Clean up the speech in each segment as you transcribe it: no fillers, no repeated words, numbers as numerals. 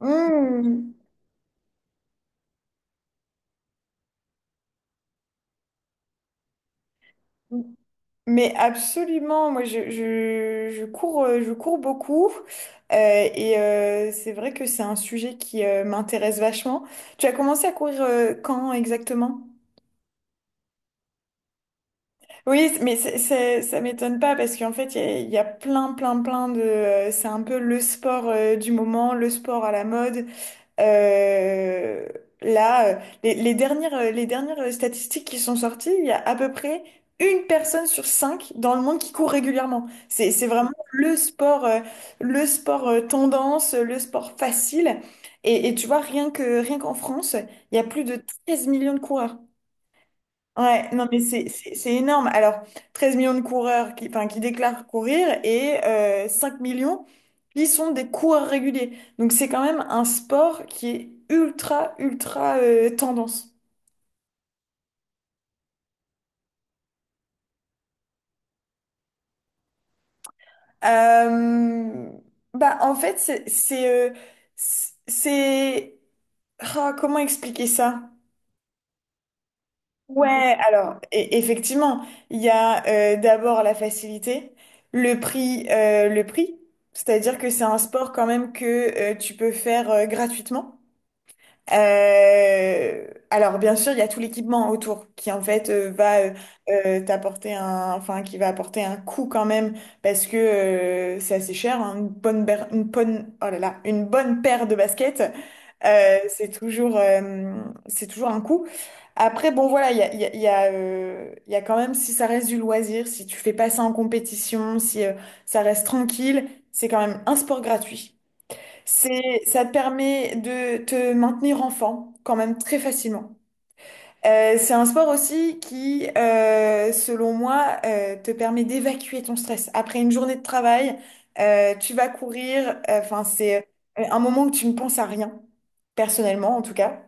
Mmh. Mais absolument, moi je cours, je cours beaucoup et c'est vrai que c'est un sujet qui m'intéresse vachement. Tu as commencé à courir quand exactement? Oui, mais ça m'étonne pas parce qu'en fait, il y a plein, plein, plein de... c'est un peu le sport du moment, le sport à la mode. Euh, là, les dernières statistiques qui sont sorties, il y a à peu près une personne sur cinq dans le monde qui court régulièrement. C'est vraiment le sport tendance, le sport facile. Et tu vois, rien qu'en France, il y a plus de 13 millions de coureurs. Ouais, non, mais c'est énorme. Alors, 13 millions de coureurs qui, enfin, qui déclarent courir et 5 millions qui sont des coureurs réguliers. Donc, c'est quand même un sport qui est ultra, ultra tendance. Euh, bah, en fait, c'est... c'est- Ah, comment expliquer ça? Ouais, alors effectivement, il y a d'abord la facilité, le prix, c'est-à-dire que c'est un sport quand même que tu peux faire gratuitement. Alors bien sûr, il y a tout l'équipement autour qui en fait va t'apporter un, enfin qui va apporter un coût quand même parce que c'est assez cher, hein, une bonne, ber- une bonne, oh là là, une bonne paire de baskets. C'est toujours un coût. Après, bon, voilà, il y a, il y a, il y a, il y a quand même, si ça reste du loisir, si tu fais pas ça en compétition, si ça reste tranquille, c'est quand même un sport gratuit. Ça te permet de te maintenir enfant quand même très facilement. C'est un sport aussi qui, selon moi, te permet d'évacuer ton stress. Après une journée de travail, tu vas courir. Enfin, c'est un moment où tu ne penses à rien, personnellement en tout cas.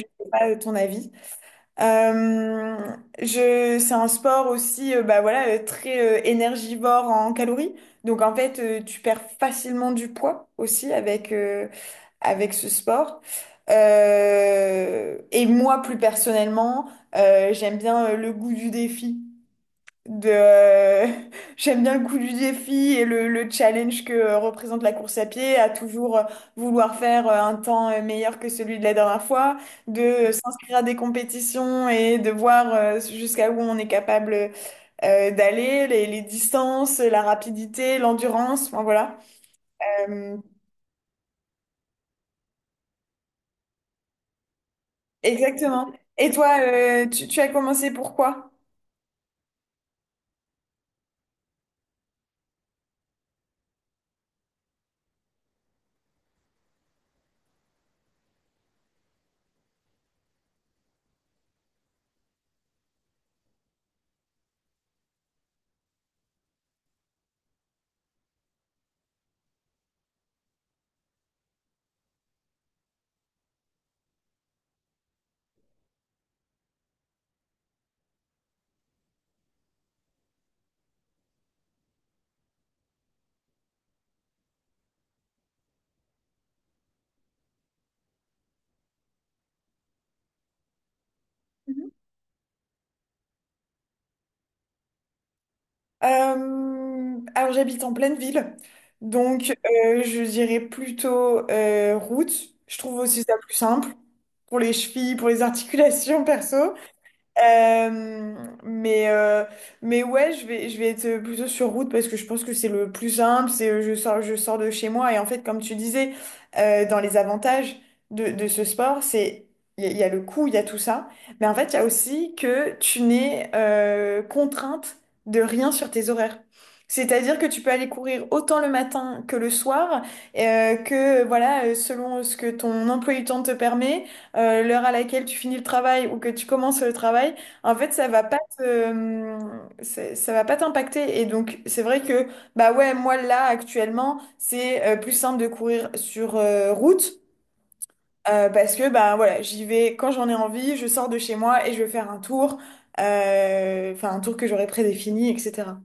C'est pas ton avis. C'est un sport aussi, bah voilà, très énergivore en calories. Donc en fait, tu perds facilement du poids aussi avec ce sport. Et moi, plus personnellement, j'aime bien le goût du défi de j'aime bien le coup du défi et le challenge que représente la course à pied à toujours vouloir faire un temps meilleur que celui de la dernière fois, de s'inscrire à des compétitions et de voir jusqu'à où on est capable d'aller, les distances, la rapidité, l'endurance, enfin voilà. Euh, exactement. Et toi, tu as commencé pourquoi? Alors j'habite en pleine ville, donc je dirais plutôt route. Je trouve aussi ça plus simple pour les chevilles, pour les articulations perso. Euh, mais, euh, mais ouais, je vais être plutôt sur route parce que je pense que c'est le plus simple. C'est je sors de chez moi. Et en fait, comme tu disais, dans les avantages de ce sport, c'est il y a le coût, il y a tout ça. Mais en fait, il y a aussi que tu n'es contrainte de rien sur tes horaires. C'est-à-dire que tu peux aller courir autant le matin que le soir, que voilà, selon ce que ton emploi du temps te permet l'heure à laquelle tu finis le travail ou que tu commences le travail, en fait, ça va pas t'impacter. Et donc, c'est vrai que, bah ouais, moi là, actuellement, c'est plus simple de courir sur route parce que, bah voilà, j'y vais quand j'en ai envie, je sors de chez moi et je vais faire un tour, enfin, un tour que j'aurais prédéfini, etc.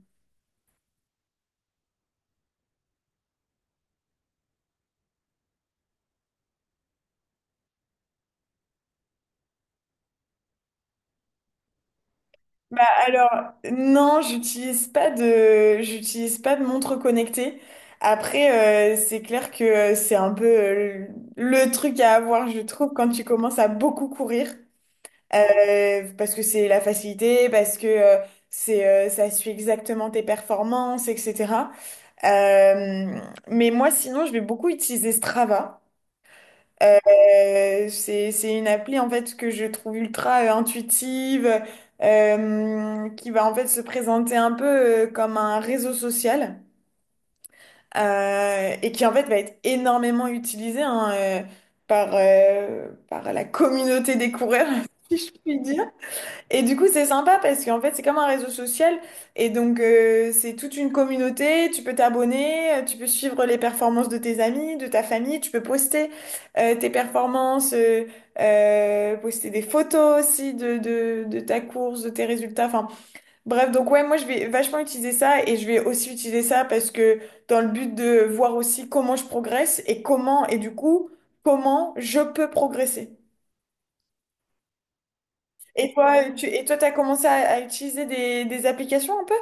Bah alors, non, j'utilise pas de montre connectée. Après, c'est clair que c'est un peu le truc à avoir, je trouve, quand tu commences à beaucoup courir. Parce que c'est la facilité, parce que ça suit exactement tes performances, etc. Euh, mais moi, sinon, je vais beaucoup utiliser Strava. C'est une appli en fait que je trouve ultra intuitive, qui va en fait se présenter un peu comme un réseau social et qui en fait va être énormément utilisé hein, par la communauté des coureurs, si je puis dire. Et du coup, c'est sympa parce qu'en fait, c'est comme un réseau social. Et donc, c'est toute une communauté. Tu peux t'abonner, tu peux suivre les performances de tes amis, de ta famille. Tu peux poster tes performances, poster des photos aussi de ta course, de tes résultats. Enfin, bref, donc ouais, moi, je vais vachement utiliser ça. Et je vais aussi utiliser ça parce que dans le but de voir aussi comment je progresse et comment, et du coup, comment je peux progresser. Et toi, t'as commencé à utiliser des applications un peu?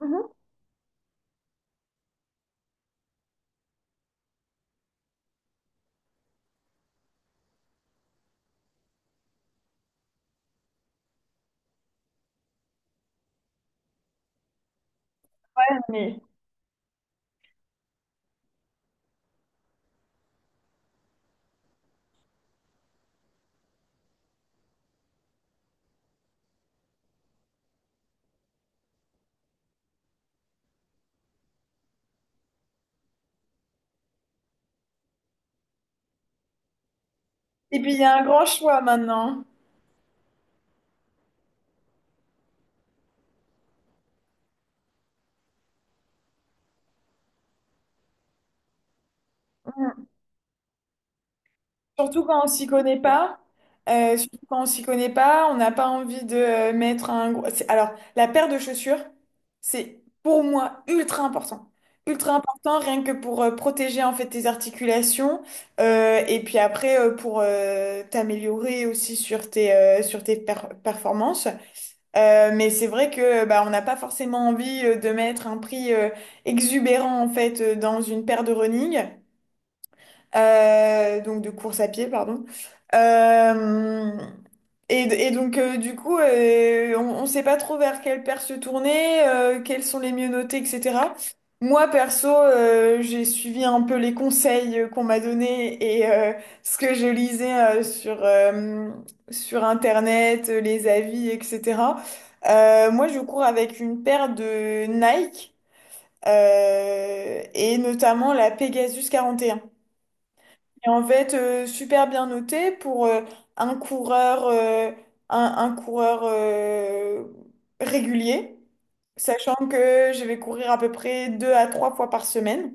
Mhm. Mais- Et puis, il y a un grand choix maintenant. Mm. Surtout quand on s'y connaît pas. Surtout quand on s'y connaît pas, on n'a pas envie de mettre un gros... Alors, la paire de chaussures, c'est pour moi ultra important. Ultra important, rien que pour protéger en fait tes articulations. Et puis après, pour t'améliorer aussi sur tes performances. Mais c'est vrai que bah, on n'a pas forcément envie de mettre un prix exubérant en fait dans une paire de running. Donc de course à pied, pardon. Euh, et, et donc du coup, on ne sait pas trop vers quelle paire se tourner, quels sont les mieux notés, etc. Moi, perso, j'ai suivi un peu les conseils qu'on m'a donnés et ce que je lisais euh, sur, euh, sur Internet, les avis, etc. Moi, je cours avec une paire de Nike et notamment la Pegasus 41 et en fait, super bien noté pour un coureur, euh, un coureur régulier, sachant que je vais courir à peu près deux à trois fois par semaine.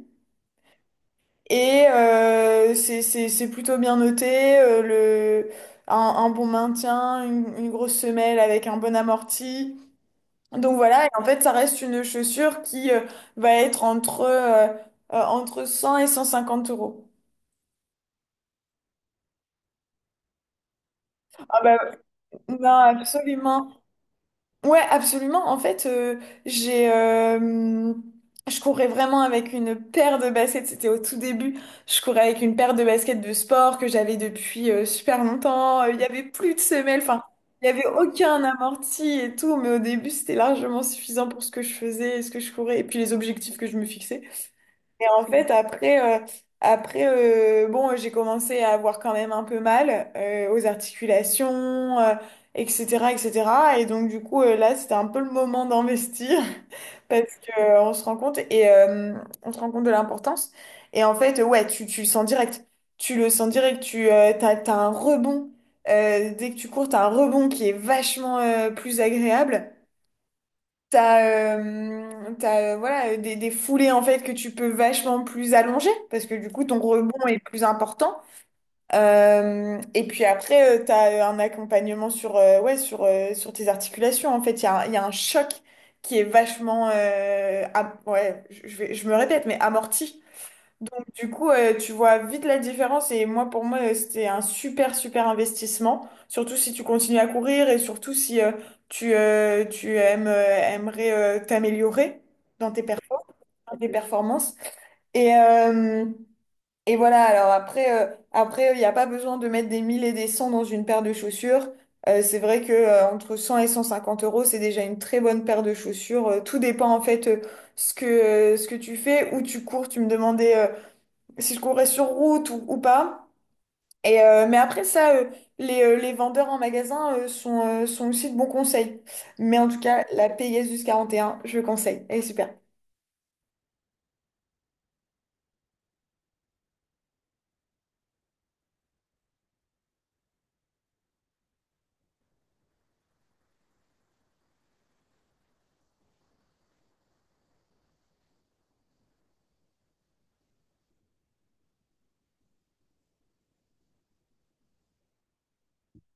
Et c'est plutôt bien noté, un bon maintien, une grosse semelle avec un bon amorti. Donc voilà, et en fait, ça reste une chaussure qui va être entre 100 et 150 euros. Ah bah, non, absolument. Ouais, absolument. En fait, je courais vraiment avec une paire de baskets. C'était au tout début. Je courais avec une paire de baskets de sport que j'avais depuis super longtemps. Il y avait plus de semelles. Enfin, il y avait aucun amorti et tout. Mais au début, c'était largement suffisant pour ce que je faisais et ce que je courais et puis les objectifs que je me fixais. Et en fait, après bon, j'ai commencé à avoir quand même un peu mal aux articulations, etc., etc. Et cetera. Et donc, du coup, là, c'était un peu le moment d'investir parce que on se rend compte de l'importance. Et en fait, ouais, tu le sens direct. Tu le sens direct. T'as un rebond. Dès que tu cours, t'as un rebond qui est vachement plus agréable. Voilà, des foulées en fait que tu peux vachement plus allonger parce que du coup ton rebond est plus important. Et puis après, t'as un accompagnement sur, ouais, sur, sur tes articulations. En fait, il y a un choc qui est vachement, ouais, je me répète, mais amorti. Du coup, tu vois vite la différence et moi, pour moi, c'était un super, super investissement, surtout si tu continues à courir et surtout si tu, euh, tu aimes, euh, aimerais t'améliorer dans tes performances, dans tes performances. Et, euh, et voilà, alors après, il n'y a pas besoin de mettre des 1000 et des 100 dans une paire de chaussures. C'est vrai que entre 100 et 150 euros, c'est déjà une très bonne paire de chaussures. Tout dépend en fait ce que tu fais, où tu cours. Tu me demandais si je courais sur route ou pas. Mais après ça, les vendeurs en magasin sont aussi de bons conseils. Mais en tout cas, la Pegasus quarante et un je conseille. Elle est super.